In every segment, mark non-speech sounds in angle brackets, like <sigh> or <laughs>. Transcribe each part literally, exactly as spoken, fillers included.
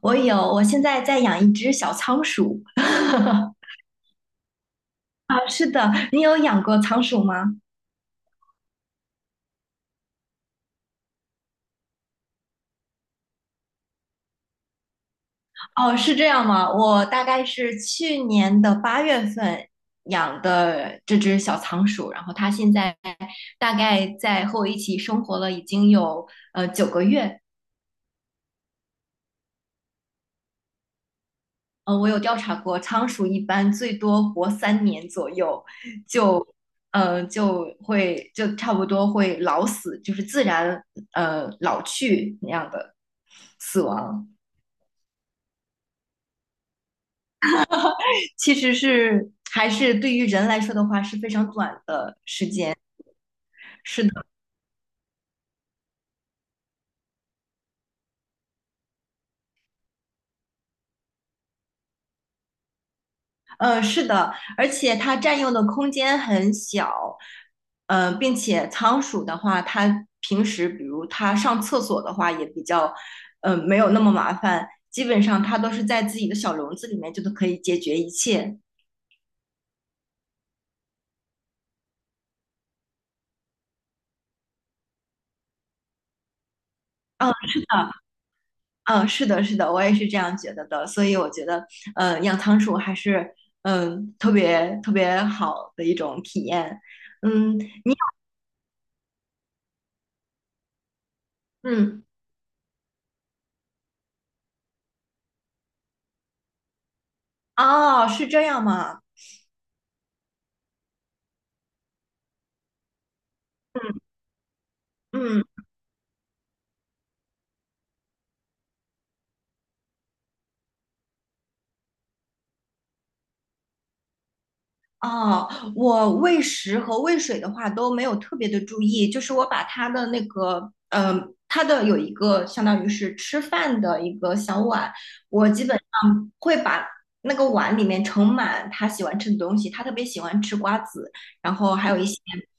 我有，我现在在养一只小仓鼠。<laughs> 啊，是的，你有养过仓鼠吗？哦，是这样吗？我大概是去年的八月份养的这只小仓鼠，然后它现在大概在和我一起生活了已经有呃九个月。呃，我有调查过，仓鼠一般最多活三年左右，就呃就会就差不多会老死，就是自然呃老去那样的死亡。其实是还是对于人来说的话是非常短的时间。呃，是的，而且它占用的空间很小，呃，并且仓鼠的话，它平时比如它上厕所的话也比较，呃，没有那么麻烦，基本上它都是在自己的小笼子里面就都可以解决一切。嗯，是的，嗯，是的，是的，我也是这样觉得的，所以我觉得，呃，养仓鼠还是，嗯、特别特别好的一种体验。嗯，嗯，哦，是这样吗？嗯，嗯，哦，我喂食和喂水的话都没有特别的注意，就是我把它的那个，呃，它的有一个相当于是吃饭的一个小碗，我基本上会把那个碗里面盛满它喜欢吃的东西，它特别喜欢吃瓜子，然后还有一些，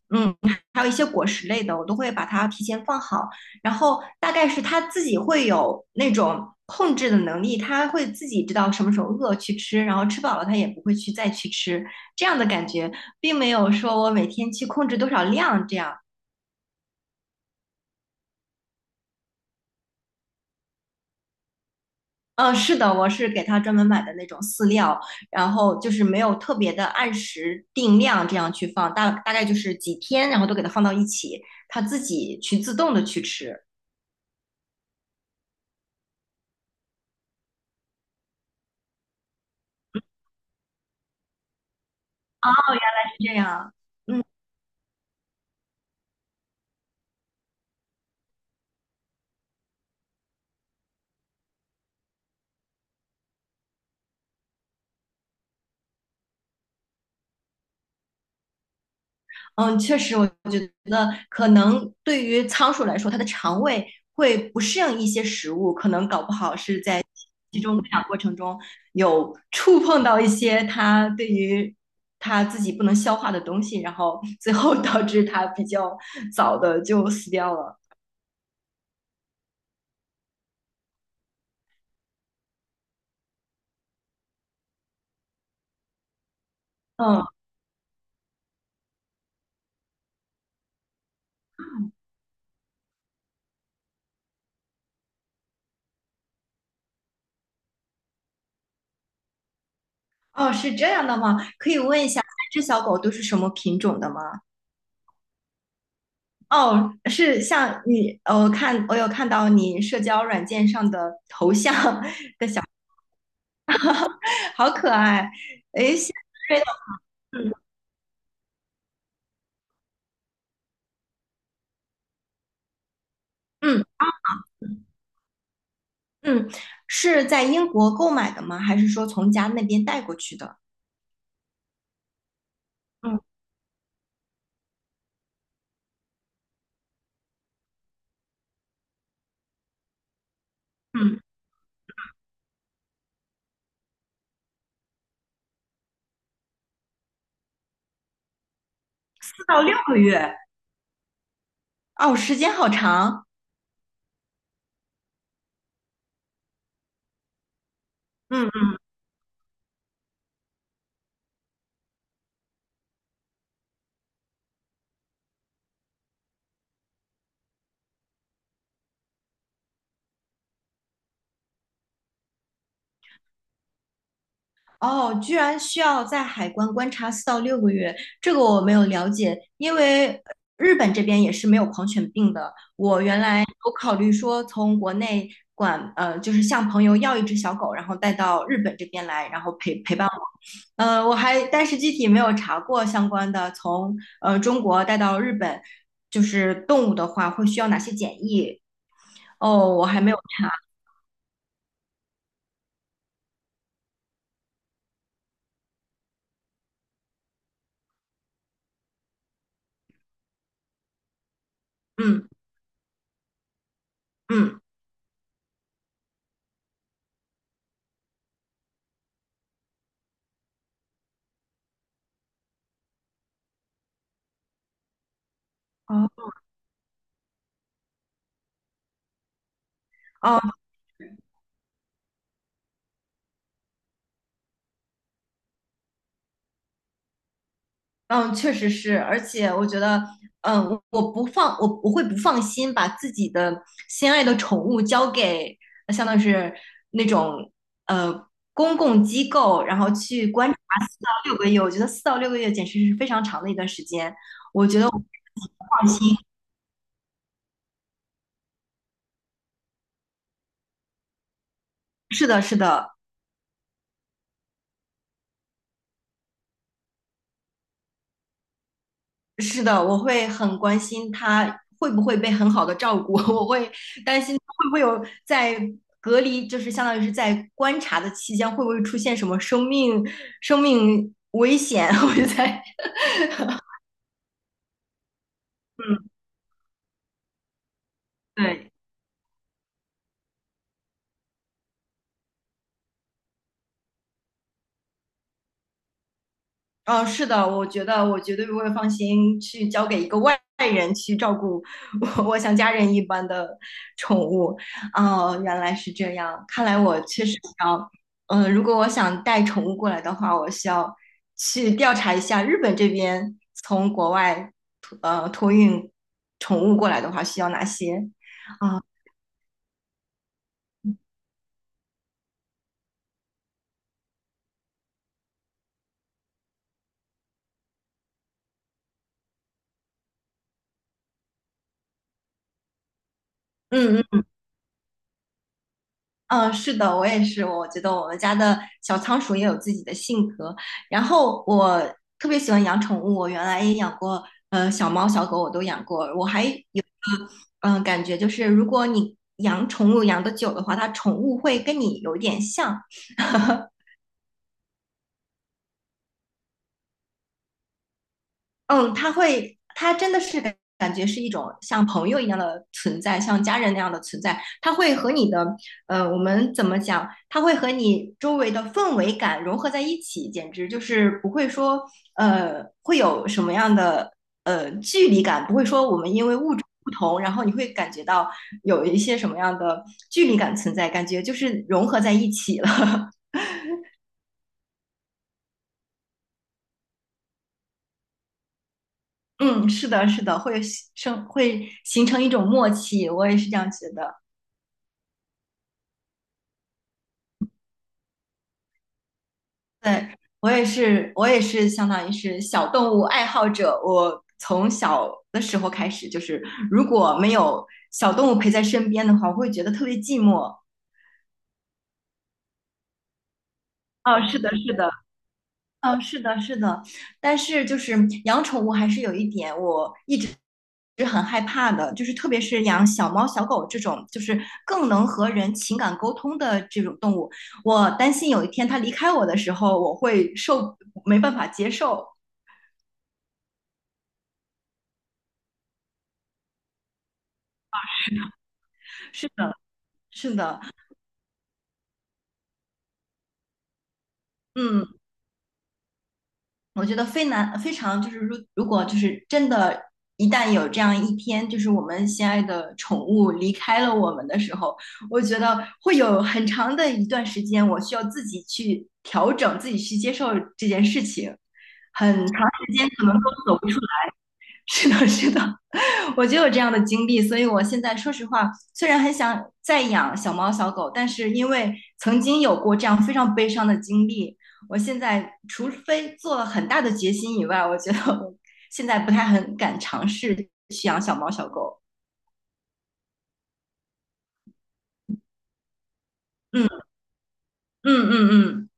嗯，还有一些果实类的，我都会把它提前放好，然后大概是他自己会有那种控制的能力，他会自己知道什么时候饿去吃，然后吃饱了他也不会去再去吃，这样的感觉，并没有说我每天去控制多少量这样。嗯，是的，我是给他专门买的那种饲料，然后就是没有特别的按时定量这样去放，大大概就是几天，然后都给他放到一起，他自己去自动的去吃啊，是这样，嗯。嗯，确实，我觉得可能对于仓鼠来说，它的肠胃会不适应一些食物，可能搞不好是在集中喂养过程中有触碰到一些它对于它自己不能消化的东西，然后 <laughs> 最后导致它比较早的就死掉了。嗯，哦，是这样的吗？可以问一下，三只小狗都是什么品种的吗？哦，是像你，呃我看我有看到你社交软件上的头像，好可爱。诶，现在嗯嗯嗯，是在英国购买的吗？还是说从家那边带过去的？嗯嗯，四到六个月，哦，时间好长。嗯，哦，居然需要在海关观察四到六个月，这个我没有了解，因为日本这边也是没有狂犬病的。我原来有考虑说从国内管，呃，就是向朋友要一只小狗，然后带到日本这边来，然后陪陪伴我。呃，我还但是具体没有查过相关的，从呃中国带到日本，就是动物的话会需要哪些检疫？哦，我还没有查。嗯嗯，哦哦嗯，确实是，而且我觉得，嗯、我我不放，我我会不放心把自己的心爱的宠物交给，呃相当于是那种呃公共机构，然后去观察四到六个月。我觉得四到六个月简直是非常长的一段时间。我觉得我是的，是的。是的，我会很关心他会不会被很好的照顾，<laughs> 我会担心他会不会有在隔离，就是相当于是在观察的期间，会不会出现什么生命生命危险？<laughs> 我就在，嗯，对。哦，是的，我觉得我绝对不会放心去交给一个外人去照顾 <laughs> 我，我像家人一般的宠物。哦，原来是这样，看来我确实需要，嗯，如果我想带宠物过来的话，我需要去调查一下日本这边从国外托呃托运宠物过来的话需要哪些。啊，嗯嗯嗯，是的，我也是。我觉得我们家的小仓鼠也有自己的性格。然后我特别喜欢养宠物，我原来也养过，呃，小猫、小狗我都养过。我还有，嗯、感觉就是如果你养宠物养得久的话，它宠物会跟你有点像，嗯，他会，他真的是感感觉是一种像朋友一样的存在，像家人那样的存在。他会和你的，呃，我们怎么讲？他会和你周围的氛围感融合在一起，简直就是不会说，呃，会有什么样的呃距离感，不会说我们因为物种不同，然后你会感觉到有一些什么样的距离感存在，感觉就是融合在一起了。<laughs> 嗯，是的，是的，会生会形成一种默契，我也是这样觉得。对，我也是，我也是相当于是小动物爱好者。我从小的时候开始，就是如果没有小动物陪在身边的话，我会觉得特别寂寞。哦，是的，是的，哦，是的，是的。但是就是养宠物还是有一点我一直是很害怕的，就是特别是养小猫、小狗这种，就是更能和人情感沟通的这种动物，我担心有一天它离开我的时候，我会受没办法接受。是的，是的。嗯，我觉得非难非常就是如如果就是真的，一旦有这样一天，就是我们心爱的宠物离开了我们的时候，我觉得会有很长的一段时间，我需要自己去调整，自己去接受这件事情，很长时间可能都走不出。<laughs> 是的，是的，我就有这样的经历，所以我现在说实话，虽然很想再养小猫小狗，但是因为曾经有过这样非常悲伤的经历，我现在除非做了很大的决心以外，我觉得我现在不太很敢尝试去养小猫小狗。嗯嗯嗯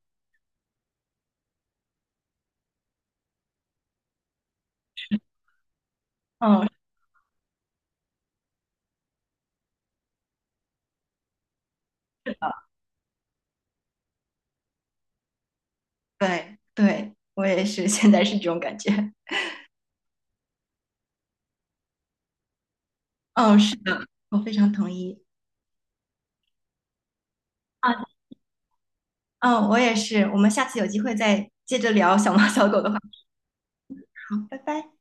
嗯嗯，对对，我也是，现在是这种感觉。嗯，是的，我非常同意。啊，嗯，我也是。我们下次有机会再接着聊小猫小狗的话题。好，拜拜。